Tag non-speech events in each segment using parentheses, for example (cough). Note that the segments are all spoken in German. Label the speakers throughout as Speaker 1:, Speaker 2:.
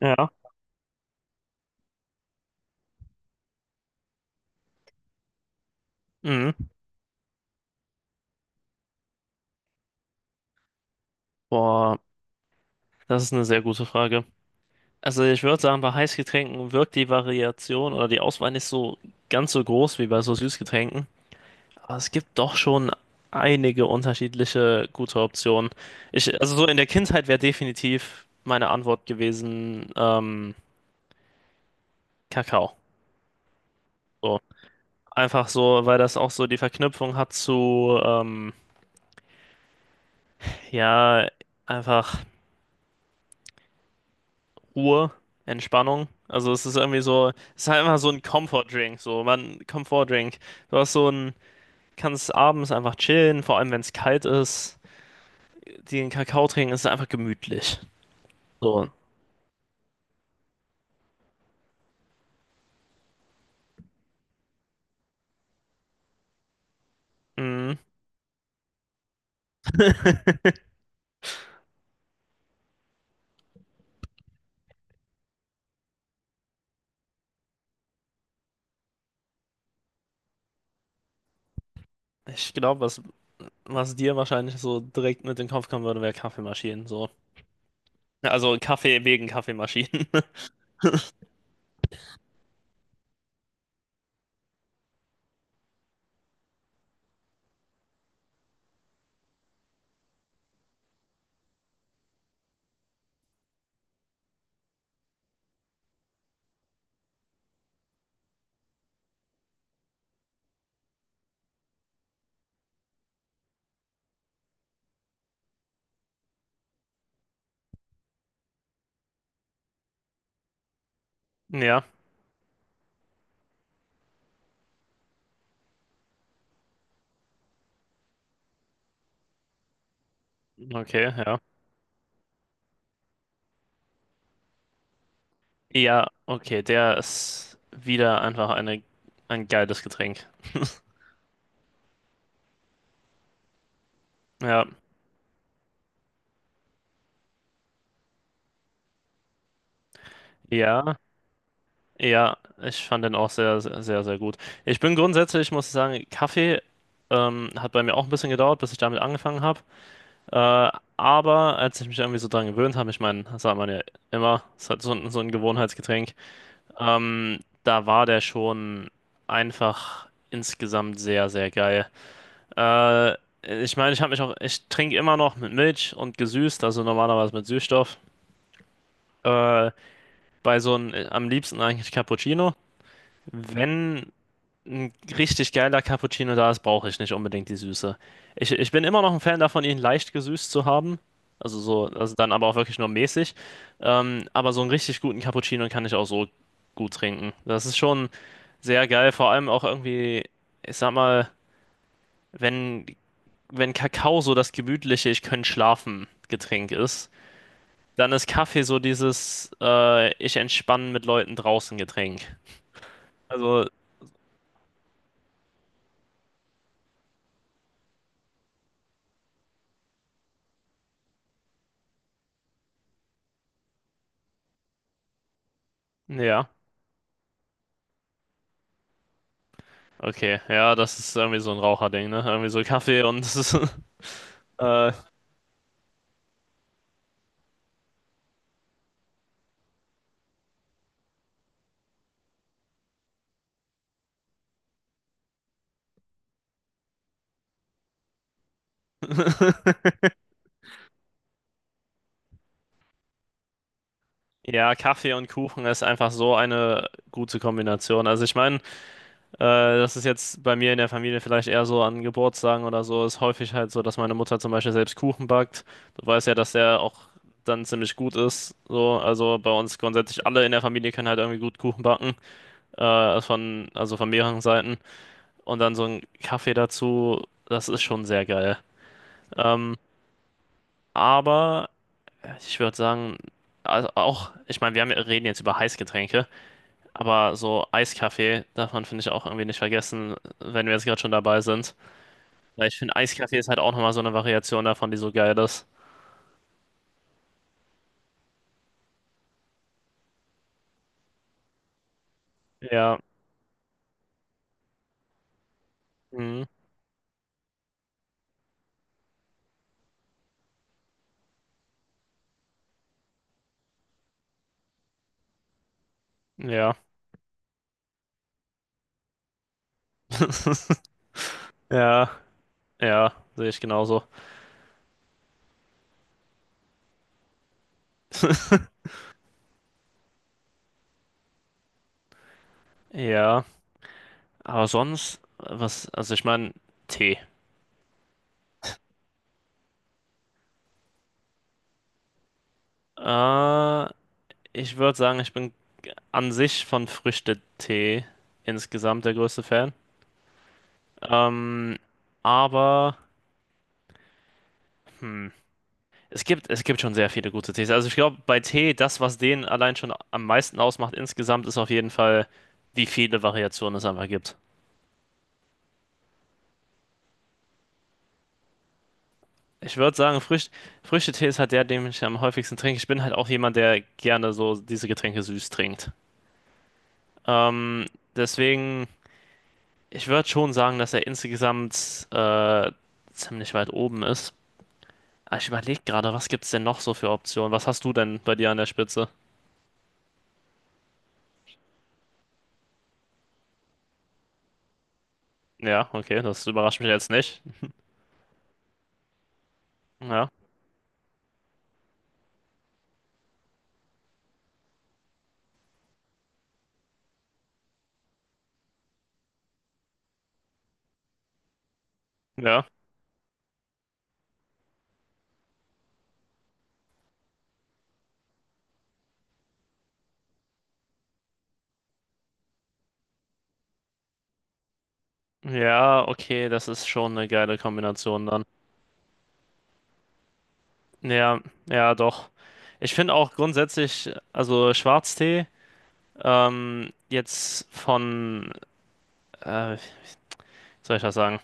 Speaker 1: Ja. Mhm. Boah, das ist eine sehr gute Frage. Also ich würde sagen, bei Heißgetränken wirkt die Variation oder die Auswahl nicht so ganz so groß wie bei so Süßgetränken. Aber es gibt doch schon einige unterschiedliche gute Optionen. Also so in der Kindheit wäre definitiv meine Antwort gewesen, Kakao. So. Einfach so, weil das auch so die Verknüpfung hat zu, ja, einfach. Ruhe, Entspannung. Also es ist irgendwie so, es ist halt einfach so ein Comfort-Drink, so man, Comfort-Drink. Du hast so ein, kannst abends einfach chillen, vor allem wenn es kalt ist. Den Kakao trinken ist einfach gemütlich. So. Mhm. (laughs) Ich glaube, was dir wahrscheinlich so direkt mit in den Kopf kommen würde, wäre Kaffeemaschinen. So. Also Kaffee wegen Kaffeemaschinen. (laughs) Ja, okay, ja. Ja, okay, der ist wieder einfach ein geiles Getränk. Ja, ja. Ja, ich fand den auch sehr, sehr, sehr, sehr gut. Ich bin grundsätzlich, muss ich sagen, Kaffee hat bei mir auch ein bisschen gedauert, bis ich damit angefangen habe. Äh, aber als ich mich irgendwie so dran gewöhnt habe, ich meine, das sagt man ja immer, es ist halt so, so ein Gewohnheitsgetränk, da war der schon einfach insgesamt sehr, sehr geil. Äh, Ich meine, ich habe mich auch, ich trinke immer noch mit Milch und gesüßt, also normalerweise mit Süßstoff. Äh, Bei so einem, am liebsten eigentlich Cappuccino. Wenn. Ein richtig geiler Cappuccino da ist, brauche ich nicht unbedingt die Süße. Ich bin immer noch ein Fan davon, ihn leicht gesüßt zu haben. Also so, also dann aber auch wirklich nur mäßig. Aber so einen richtig guten Cappuccino kann ich auch so gut trinken. Das ist schon sehr geil. Vor allem auch irgendwie, ich sag mal, wenn, wenn Kakao so das gemütliche, ich kann schlafen Getränk ist, dann ist Kaffee so dieses ich entspanne mit Leuten draußen Getränk. Also, ja. Okay, ja, das ist irgendwie so ein Raucherding, ne? Irgendwie so Kaffee und (laughs) äh, ja, Kaffee und Kuchen ist einfach so eine gute Kombination. Also ich meine, das ist jetzt bei mir in der Familie vielleicht eher so an Geburtstagen oder so, ist häufig halt so, dass meine Mutter zum Beispiel selbst Kuchen backt. Du weißt ja, dass der auch dann ziemlich gut ist. So, also bei uns grundsätzlich alle in der Familie können halt irgendwie gut Kuchen backen, von, also von mehreren Seiten. Und dann so ein Kaffee dazu, das ist schon sehr geil. Ähm, aber, ja, ich würde sagen, also auch, ich meine, reden jetzt über Heißgetränke, aber so Eiskaffee darf man, finde ich, auch irgendwie nicht vergessen, wenn wir jetzt gerade schon dabei sind. Weil ich finde, Eiskaffee ist halt auch nochmal so eine Variation davon, die so geil ist. Ja, mhm, ja, (laughs) ja, ja, sehe ich genauso. Ja, aber sonst, also ich meine, Tee. Äh, Ich würde sagen, ich bin an sich von Früchtetee insgesamt der größte Fan. Ähm, aber. Hm. Es gibt schon sehr viele gute Tees. Also ich glaube, bei Tee, das, was den allein schon am meisten ausmacht insgesamt, ist auf jeden Fall, wie viele Variationen es einfach gibt. Ich würde sagen, Früchtetee ist halt der, den ich am häufigsten trinke. Ich bin halt auch jemand, der gerne so diese Getränke süß trinkt. Ähm, deswegen, ich würde schon sagen, dass er insgesamt ziemlich weit oben ist. Aber ich überlege gerade, was gibt es denn noch so für Optionen? Was hast du denn bei dir an der Spitze? Ja, okay, das überrascht mich jetzt nicht. Ja, ja. Ja, okay, das ist schon eine geile Kombination dann. Ja, ja, doch. Ich finde auch grundsätzlich, also Schwarztee, jetzt von, wie soll ich das sagen?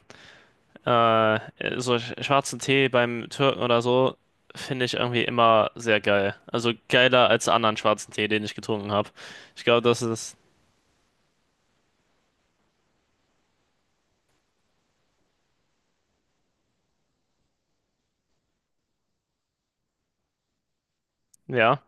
Speaker 1: So schwarzen Tee beim Türken oder so, finde ich irgendwie immer sehr geil. Also geiler als anderen schwarzen Tee, den ich getrunken habe. Ich glaube, das ist, ja,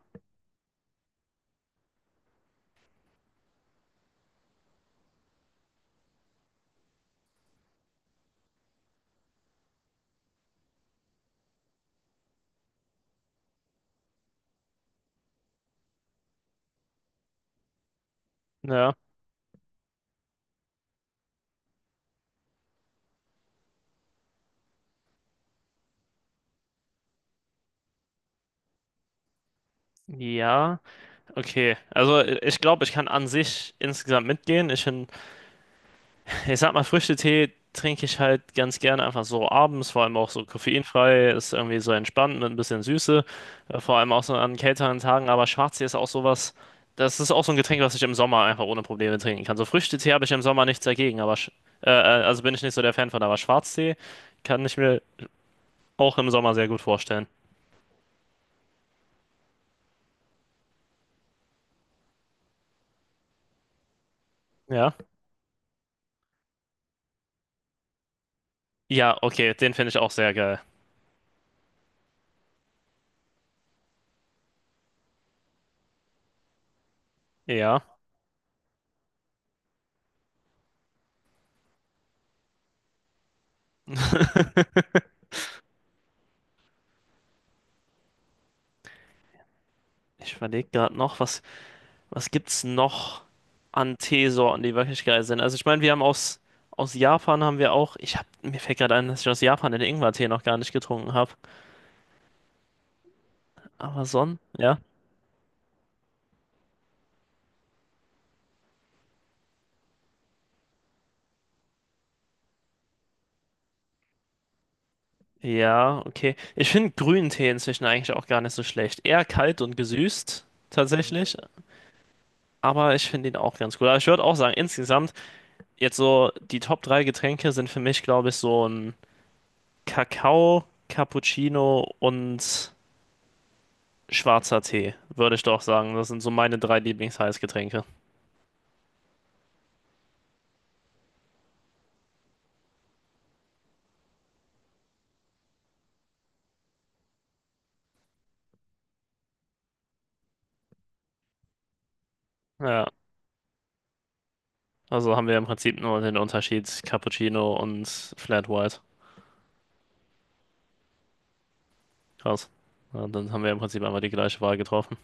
Speaker 1: ja. Ja, okay. Also ich glaube, ich kann an sich insgesamt mitgehen. Ich sag mal, Früchtetee trinke ich halt ganz gerne einfach so abends, vor allem auch so koffeinfrei, ist irgendwie so entspannt mit ein bisschen Süße, vor allem auch so an kälteren Tagen. Aber Schwarztee ist auch sowas, das ist auch so ein Getränk, was ich im Sommer einfach ohne Probleme trinken kann. So Früchtetee habe ich im Sommer nichts dagegen, aber äh, äh, also bin ich nicht so der Fan von, aber Schwarztee kann ich mir auch im Sommer sehr gut vorstellen. Ja? Ja, okay, den finde ich auch sehr geil. Ja, ich überlege gerade noch, was gibt's noch an Teesorten, die wirklich geil sind? Also ich meine, aus Japan haben wir auch, mir fällt gerade ein, dass ich aus Japan den Ingwertee noch gar nicht getrunken habe. Aber ja. Ja, okay. Ich finde grünen Tee inzwischen eigentlich auch gar nicht so schlecht. Eher kalt und gesüßt, tatsächlich. Aber ich finde ihn auch ganz gut. Aber ich würde auch sagen, insgesamt, jetzt so die Top 3 Getränke sind für mich, glaube ich, so ein Kakao, Cappuccino und schwarzer Tee, würde ich doch sagen. Das sind so meine drei Lieblingsheißgetränke. Ja, also haben wir im Prinzip nur den Unterschied Cappuccino und Flat White. Krass. Ja, dann haben wir im Prinzip einmal die gleiche Wahl getroffen.